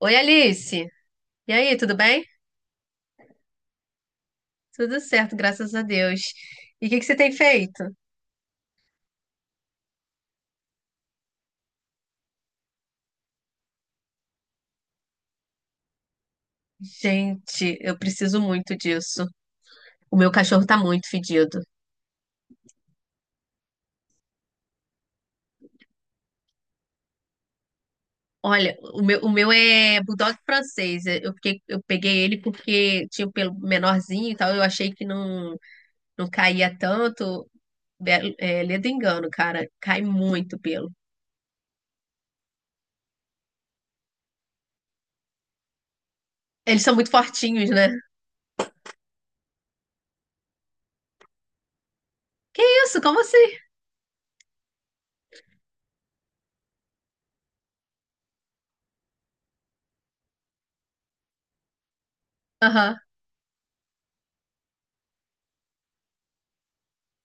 Oi, Alice. E aí, tudo bem? Tudo certo, graças a Deus. E o que que você tem feito? Gente, eu preciso muito disso. O meu cachorro tá muito fedido. Olha, o meu é bulldog francês. Eu fiquei, eu peguei ele porque tinha o pelo menorzinho e tal. Eu achei que não caía tanto. É, ledo engano, cara. Cai muito pelo. Eles são muito fortinhos, né? Isso, como assim? Aham.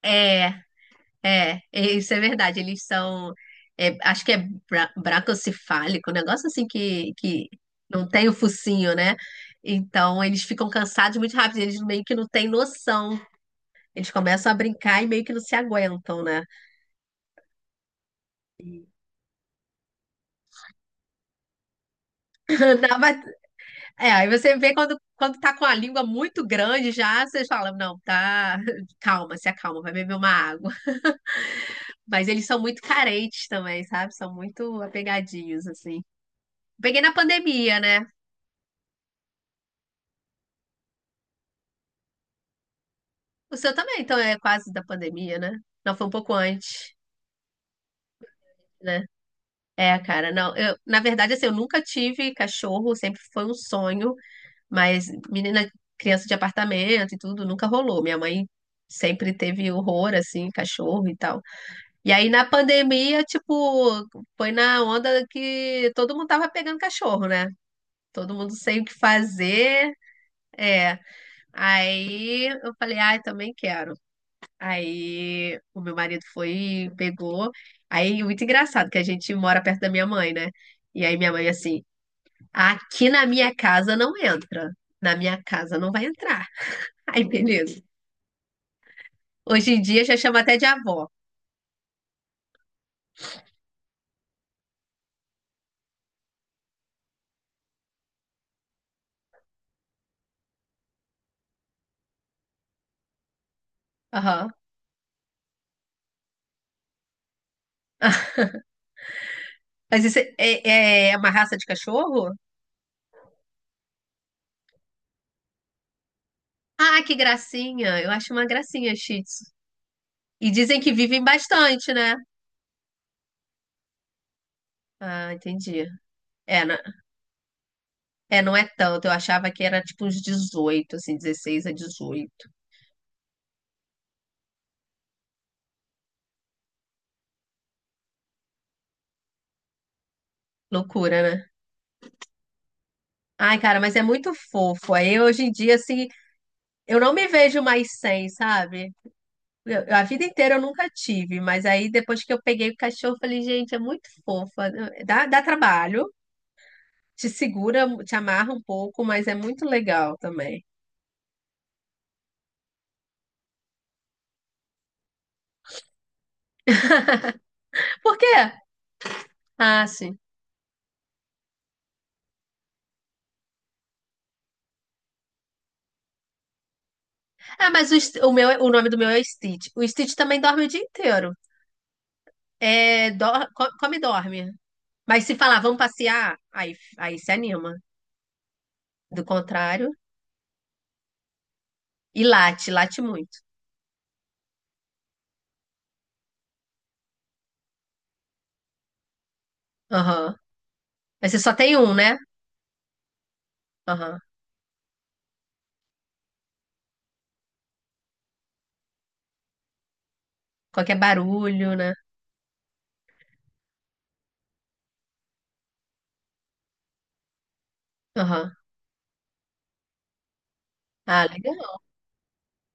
É, isso é verdade. Eles são, acho que é bracocefálico, um negócio assim que não tem o focinho, né? Então eles ficam cansados muito rápido, eles meio que não têm noção. Eles começam a brincar e meio que não se aguentam, né? Não, mas- é, Aí você vê quando tá com a língua muito grande já, vocês falam, não, tá, calma, se acalma, vai beber uma água. Mas eles são muito carentes também, sabe? São muito apegadinhos, assim. Peguei na pandemia, né? O seu também, então é quase da pandemia, né? Não, foi um pouco antes, né? É, cara, não. Eu, na verdade, assim, eu nunca tive cachorro, sempre foi um sonho, mas menina, criança de apartamento e tudo, nunca rolou. Minha mãe sempre teve horror, assim, cachorro e tal. E aí na pandemia, tipo, foi na onda que todo mundo tava pegando cachorro, né? Todo mundo sem o que fazer. É. Aí eu falei, ai, também quero. Aí o meu marido foi, pegou. Aí muito engraçado que a gente mora perto da minha mãe, né? E aí minha mãe assim, aqui na minha casa não entra. Na minha casa não vai entrar. Aí beleza. Hoje em dia já chama até de avó. Aham. Mas isso é uma raça de cachorro? Ah, que gracinha. Eu acho uma gracinha, Shih Tzu. E dizem que vivem bastante, né? Ah, entendi. É, não, não é tanto. Eu achava que era tipo uns 18, assim, 16 a 18. Loucura, né? Ai, cara, mas é muito fofo. Aí hoje em dia, assim, eu não me vejo mais sem, sabe? A vida inteira eu nunca tive, mas aí depois que eu peguei o cachorro, eu falei, gente, é muito fofa. Dá trabalho, te segura, te amarra um pouco, mas é muito legal também. Por quê? Ah, sim. Ah, mas o, o meu, o nome do meu é Stitch. O Stitch também dorme o dia inteiro. É, come e dorme. Mas se falar, vamos passear, aí se anima. Do contrário, e late muito. Aham. Mas você só tem um, né? Aham. Qualquer barulho, né? Aham. Ah, legal.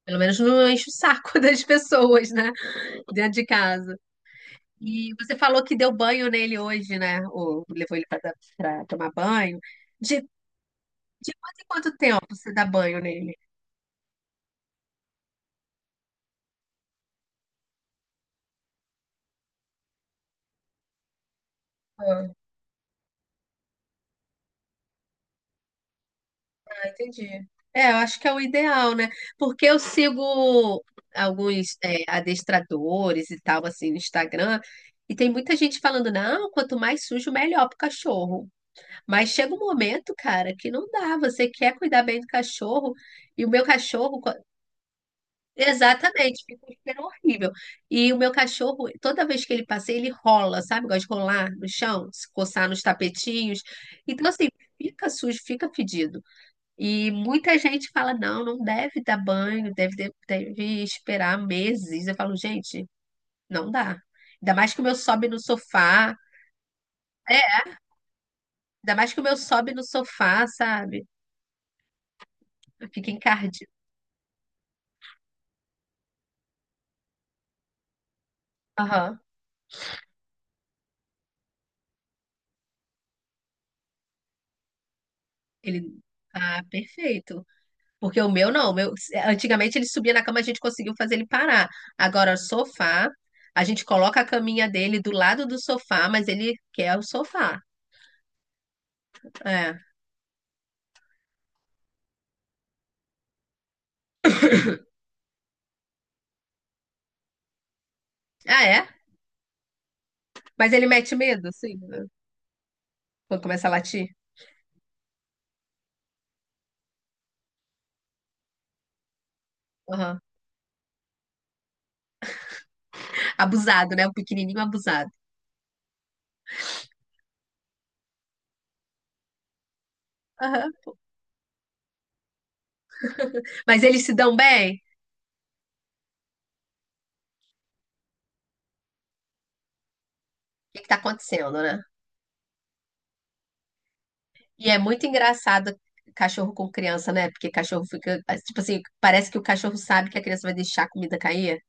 Pelo menos não enche o saco das pessoas, né? Dentro de casa. E você falou que deu banho nele hoje, né? Ou levou ele pra, tomar banho. De, de quanto em quanto tempo você dá banho nele? Ah, entendi. É, eu acho que é o ideal, né? Porque eu sigo alguns adestradores e tal, assim, no Instagram, e tem muita gente falando, não, quanto mais sujo, melhor pro cachorro. Mas chega um momento, cara, que não dá. Você quer cuidar bem do cachorro e o meu cachorro, exatamente, fica um cheiro horrível. E o meu cachorro, toda vez que ele passeia, ele rola, sabe? Gosta de rolar no chão, se coçar nos tapetinhos. Então, assim, fica sujo, fica fedido. E muita gente fala: não, não deve dar banho, deve esperar meses. Eu falo, gente, não dá. Ainda mais que o meu sobe no sofá. É, ainda mais que o meu sobe no sofá, sabe? Fica encardido. Aham. Ele. Ah, perfeito. Porque o meu não. O meu... Antigamente ele subia na cama, a gente conseguiu fazer ele parar. Agora, sofá, a gente coloca a caminha dele do lado do sofá, mas ele quer o sofá. É. Ah, é? Mas ele mete medo, sim. Né? Quando começa a latir. Aham. Abusado, né? O pequenininho abusado. Aham. Mas eles se dão bem? O que que tá acontecendo, né? E é muito engraçado cachorro com criança, né? Porque cachorro fica. Tipo assim, parece que o cachorro sabe que a criança vai deixar a comida cair.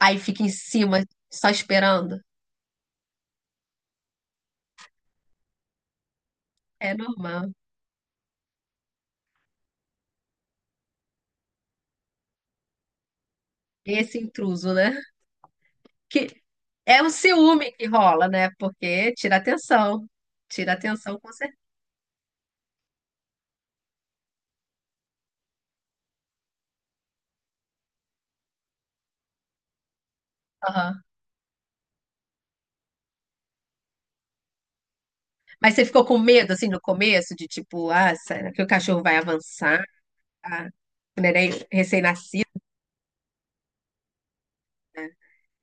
Aí fica em cima, só esperando. É normal. Esse intruso, né? Que é um ciúme que rola, né? Porque tira atenção. Tira atenção com certeza. Aham. Mas você ficou com medo, assim, no começo, de tipo, ah, será que o cachorro vai avançar? Ah, o neném recém-nascido?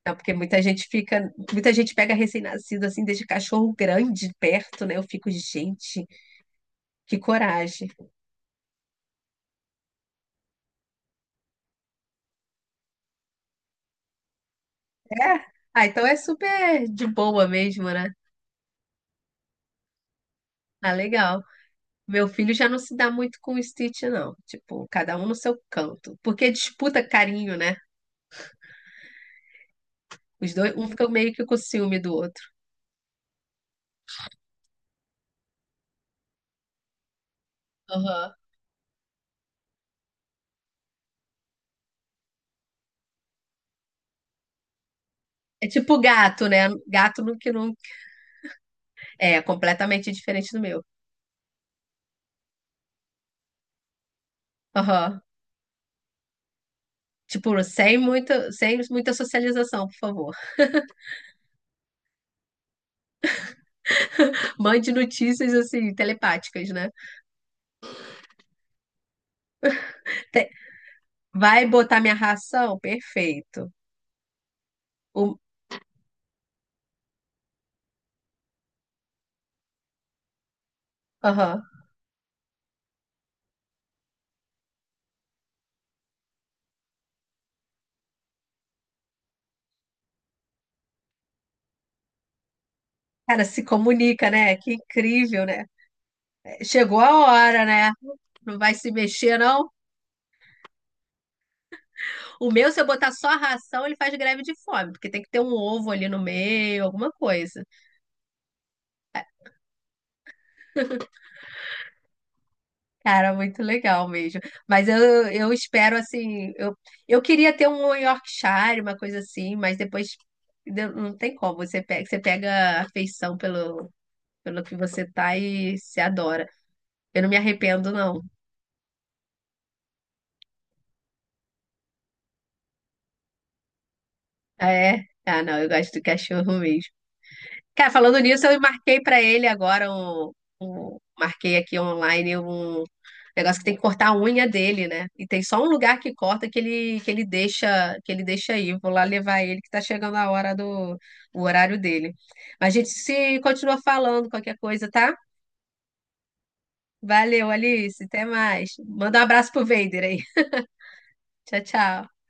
Não, porque muita gente fica, muita gente pega recém-nascido, assim, desde cachorro grande perto, né? Eu fico, gente, que coragem. É? Ah, então é super de boa mesmo, né? Ah, legal. Meu filho já não se dá muito com o Stitch, não. Tipo, cada um no seu canto. Porque disputa carinho, né? Os dois, um fica meio que com ciúme do outro. Aham. É tipo gato, né? Gato no que não. É completamente diferente do meu. Aham. Tipo, sem muita socialização, por favor. Mande notícias assim, telepáticas, né? Te- Vai botar minha ração? Perfeito. O... Aham. Cara, se comunica, né? Que incrível, né? É, chegou a hora, né? Não vai se mexer, não? O meu, se eu botar só a ração, ele faz greve de fome, porque tem que ter um ovo ali no meio, alguma coisa. Cara, muito legal mesmo. Mas eu espero, assim, eu queria ter um Yorkshire, uma coisa assim, mas não tem como. Você pega afeição pelo, pelo que você tá e se adora. Eu não me arrependo, não. Ah, é? Ah, não, eu gosto do cachorro mesmo. Cara, falando nisso, eu marquei pra ele agora marquei aqui online um negócio que tem que cortar a unha dele, né? E tem só um lugar que corta que ele deixa aí. Vou lá levar ele que tá chegando a hora do o horário dele. Mas a gente se continua falando qualquer coisa, tá? Valeu, Alice, até mais. Manda um abraço pro Vader aí. Tchau, tchau.